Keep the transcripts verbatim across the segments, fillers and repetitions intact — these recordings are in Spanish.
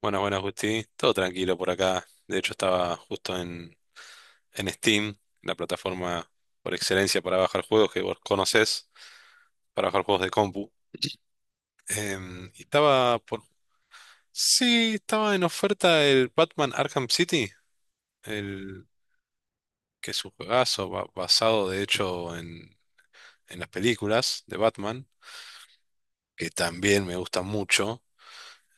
Bueno, bueno, Justi, todo tranquilo por acá. De hecho, estaba justo en, en Steam, la plataforma por excelencia para bajar juegos que vos conocés, para bajar juegos de compu. Em, y estaba por. Sí, estaba en oferta el Batman Arkham City, el que es un juegazo ba- basado de hecho en, en las películas de Batman, que también me gusta mucho.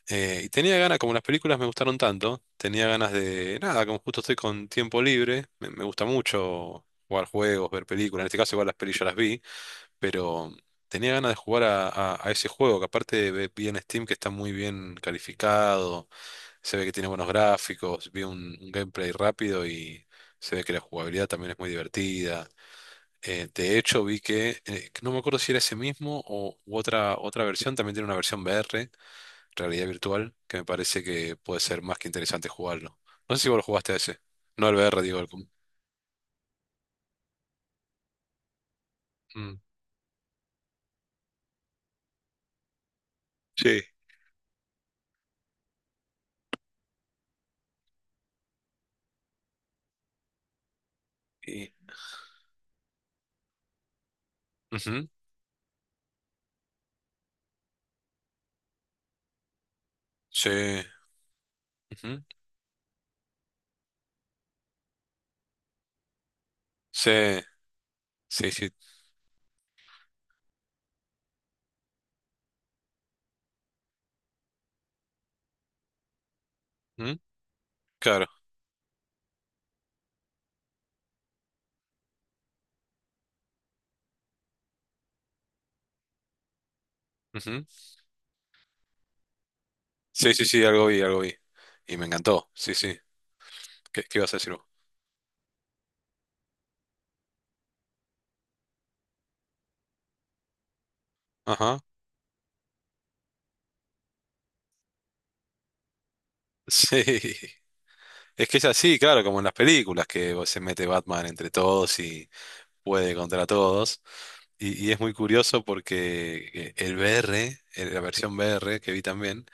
Eh, y tenía ganas, como las películas me gustaron tanto, tenía ganas de, nada, como justo estoy con tiempo libre, me, me gusta mucho jugar juegos, ver películas, en este caso igual las pelis ya las vi, pero tenía ganas de jugar a, a- a ese juego, que aparte ve- vi en Steam que está muy bien calificado, se ve que tiene buenos gráficos, vi un, un gameplay rápido y se ve que la jugabilidad también es muy divertida. Eh, de hecho, vi que, eh, que no me acuerdo si era ese mismo o u otra, otra versión, también tiene una versión V R realidad virtual, que me parece que puede ser más que interesante jugarlo. No sé si vos lo jugaste a ese. No al V R, digo, al com- Mm. Sí. Y. Ujú. Sí. Ujú. Sí. Sí, sí. Ujú. Claro. Ujú. Sí, sí, sí, algo vi, algo vi. Y me encantó. Sí, sí. ¿Qué, qué ibas a decir vos? Ajá. Sí. Es que es así, claro, como en las películas, que se mete Batman entre todos y puede contra todos. Y, y es muy curioso porque eh, el V R, eh, la versión V R que vi también,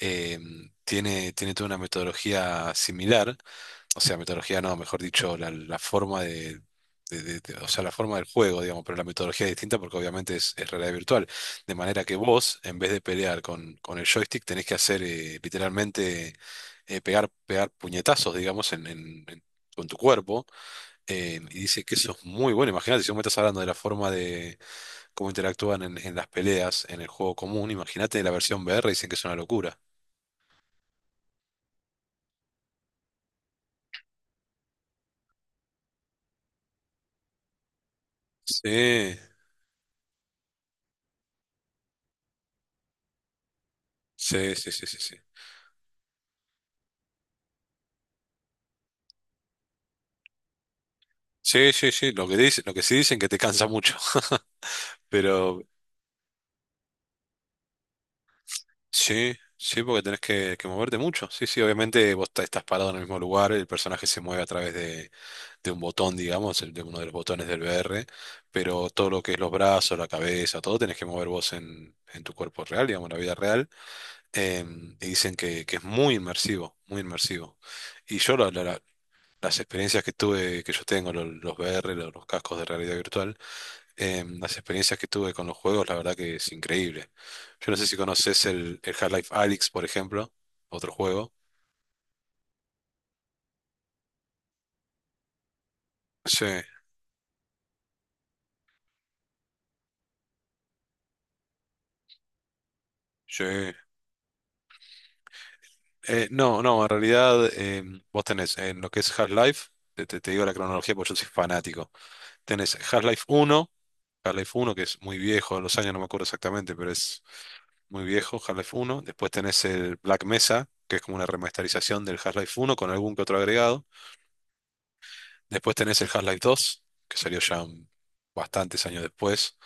eh, tiene, tiene toda una metodología similar, o sea, metodología no, mejor dicho, la, la forma de, de- de- de- o sea, la forma del juego, digamos, pero la metodología es distinta porque obviamente es, es realidad virtual. De manera que vos, en vez de pelear con, con el joystick, tenés que hacer eh, literalmente eh, pegar, pegar puñetazos, digamos, en, en- en- con tu cuerpo, eh, y dice que eso es muy bueno. Imagínate si vos me estás hablando de la forma de cómo interactúan en, en las peleas, en el juego común. Imagínate la versión V R, dicen que es una locura. Sí, sí, sí, sí, sí, sí. Sí, sí, sí, lo que dice, lo que sí dicen que te cansa mucho. Pero sí, sí, porque tenés que, que moverte mucho. Sí, sí, obviamente vos ta- estás parado en el mismo lugar, el personaje se mueve a través de, de un botón, digamos, el- de uno de los botones del V R, pero todo lo que es los brazos, la cabeza, todo tenés que mover vos en, en tu cuerpo real, digamos, en la vida real. em, y dicen que, que es muy inmersivo, muy inmersivo. Y yo la- la- la- las experiencias que tuve, que yo tengo, lo- los V R, lo- los cascos de realidad virtual, em, las experiencias que tuve con los juegos, la verdad que es increíble. Yo no sé si conoces el, el Half-Life Alyx, por ejemplo, otro juego. Sí, sí. Eh, no, no, en realidad em, vos tenés en lo que es Half-Life, te, te- te digo la cronología porque yo soy fanático. Tenés Half-Life uno Half-Life uno que es muy viejo, los años no me acuerdo exactamente, pero es muy viejo, Half-Life Uno. Después tenés el Black Mesa, que es como una remasterización del Half-Life Uno con algún que otro agregado. Después tenés el Half-Life Dos que salió ya un- bastantes años después,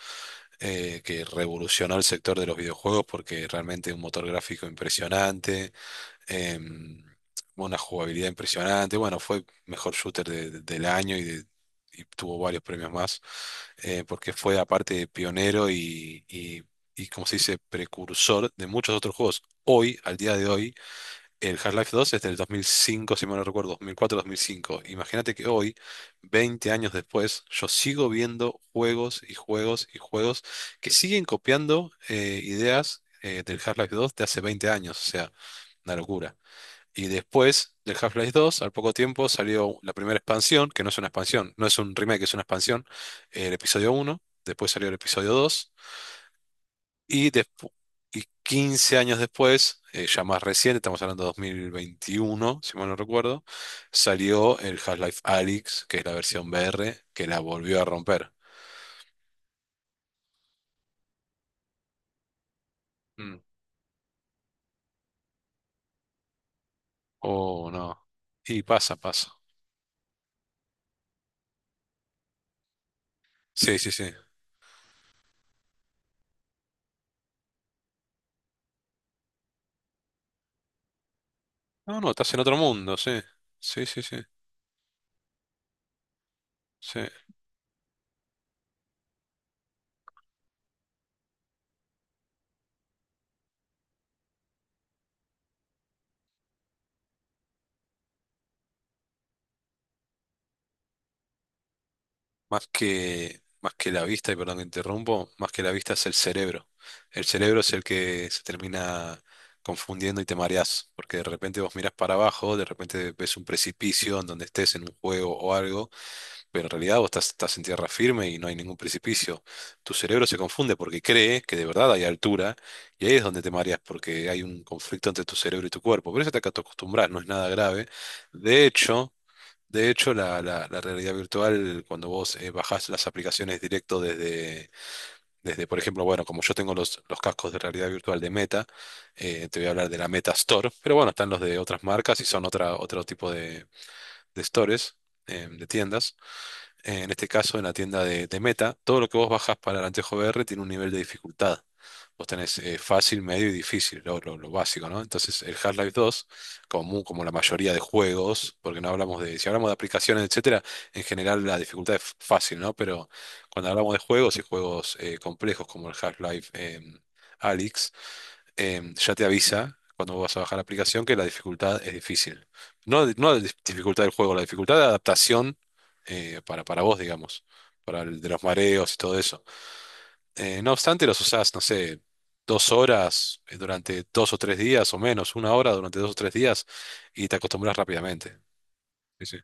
eh, que revolucionó el sector de los videojuegos porque realmente un motor gráfico impresionante, em, una jugabilidad impresionante. Bueno, fue mejor shooter de- de- del año y, de- y tuvo varios premios más, eh, porque fue aparte pionero y, y, y, como se dice, precursor de muchos otros juegos. Hoy, al día de hoy, el Half-Life dos es del dos mil cinco si mal no recuerdo, dos dos mil cuatro mil cinco. Imagínate que hoy, veinte años después, yo sigo viendo juegos y juegos y juegos que siguen copiando eh, ideas eh, del Half-Life dos de hace veinte años. O sea, una locura. Y después del Half-Life dos, al poco tiempo, salió la primera expansión, que no es una expansión, no es un remake, es una expansión, eh, el episodio uno. Después salió el episodio dos y, despu- y quince años después, eh, ya más reciente, estamos hablando de dos mil veintiuno, si mal no recuerdo, salió el Half-Life Alyx, que es la versión V R, que la volvió a romper. Mm. Oh, no. Y pasa, pasa. Sí, sí, sí. No, no, estás en otro mundo, sí. Sí, sí, sí. Sí. Más que, más que la vista, y perdón que interrumpo, más que la vista es el cerebro. El cerebro es el que se termina confundiendo y te mareás, porque de repente vos mirás para abajo, de repente ves un precipicio en donde estés en un juego o algo, pero en realidad vos estás, estás en tierra firme y no hay ningún precipicio. Tu cerebro se confunde porque cree que de verdad hay altura, y ahí es donde te mareás, porque hay un conflicto entre tu cerebro y tu cuerpo. Pero eso te acostumbras, no es nada grave. De hecho. De hecho, la, la- la realidad virtual, cuando vos eh, bajás las aplicaciones directo desde, desde, por ejemplo, bueno, como yo tengo los, los cascos de realidad virtual de Meta, eh, te voy a hablar de la Meta Store, pero bueno, están los de otras marcas y son otra, otro tipo de, de stores, eh, de tiendas, eh, en este caso en la tienda de, de Meta, todo lo que vos bajas para el anteojo V R tiene un nivel de dificultad. Vos tenés eh, fácil, medio y difícil, lo, lo- lo básico, ¿no? Entonces el Half-Life dos, como, mu- como la mayoría de juegos, porque no hablamos de, si hablamos de aplicaciones, etcétera, en general la dificultad es f- fácil, ¿no? Pero cuando hablamos de juegos y juegos eh, complejos como el Half-Life, eh, Alyx, em, ya te avisa cuando vas a bajar la aplicación que la dificultad es difícil. No, de- no la dif- dificultad del juego, la dificultad de adaptación, eh, para, para, vos, digamos, para el de los mareos y todo eso. Eh, no obstante, los usás, no sé, dos horas eh, durante dos o tres días o menos, una hora durante dos o tres días y te acostumbras rápidamente. Sí, sí.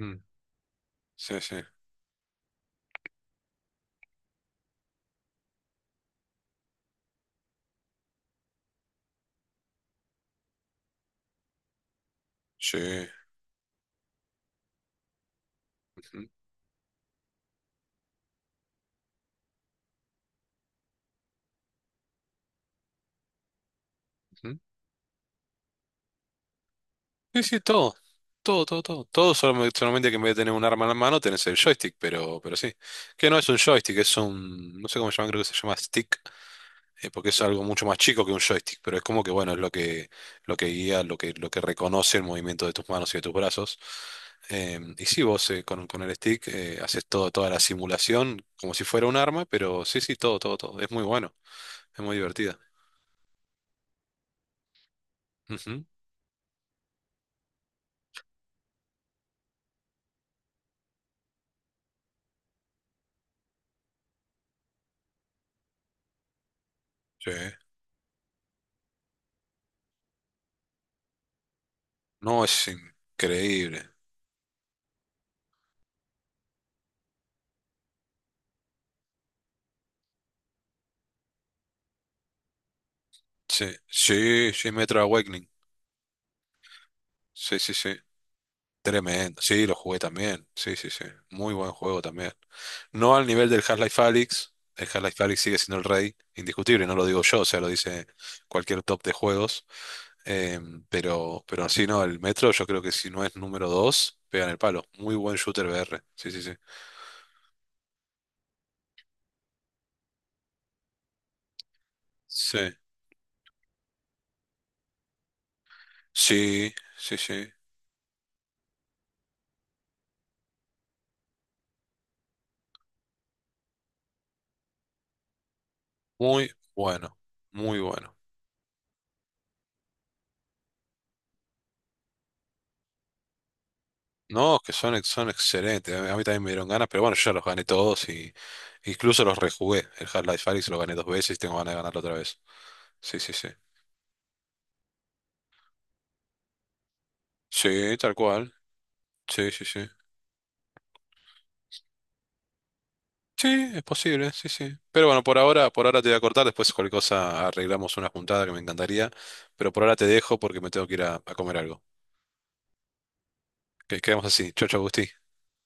Mm, sí, sí. Sí. Ujú, ujú. Sí, sí, todo. Todo, todo, todo. Todo solamente, solamente que en vez de tener un arma en la mano tenés el joystick, pero, pero sí. Que no es un joystick, es un. No sé cómo se llama, creo que se llama stick, eh, porque es algo mucho más chico que un joystick, pero es como que, bueno, es lo que, lo que guía, lo que, lo que reconoce el movimiento de tus manos y de tus brazos. Eh, y sí, vos eh, con, con el stick, eh, haces todo, toda la simulación como si fuera un arma, pero sí, sí, todo, todo, todo. Es muy bueno, es muy divertida. Ujú, sí. No, es increíble. Sí, sí, sí, Metro Awakening. Sí, sí, sí. Tremendo. Sí, lo jugué también. Sí, sí, sí. Muy buen juego también. No al nivel del Half-Life Alyx. El Half-Life Alyx sigue siendo el rey, indiscutible, no lo digo yo, o sea, lo dice cualquier top de juegos. Em, pero, pero sí, no, el Metro yo creo que si no es número dos pega en el palo. Muy buen shooter V R. Sí, sí, sí. Sí, sí, sí, sí. Muy bueno, muy bueno. No, que son, ex- son excelentes. A mí a mí también me dieron ganas, pero bueno, yo ya los gané todos y incluso los rejugué. El Half-Life Alyx lo gané dos veces y tengo ganas de ganarlo otra vez. Sí, sí, sí. Sí, tal cual. Sí, sí, sí. Sí, es posible, sí, sí. Pero bueno, por ahora, por ahora te voy a cortar, después cualquier cosa arreglamos una juntada que me encantaría, pero por ahora te dejo porque me tengo que ir a, a comer algo. Que quedamos así. Chau, chau, Agustín.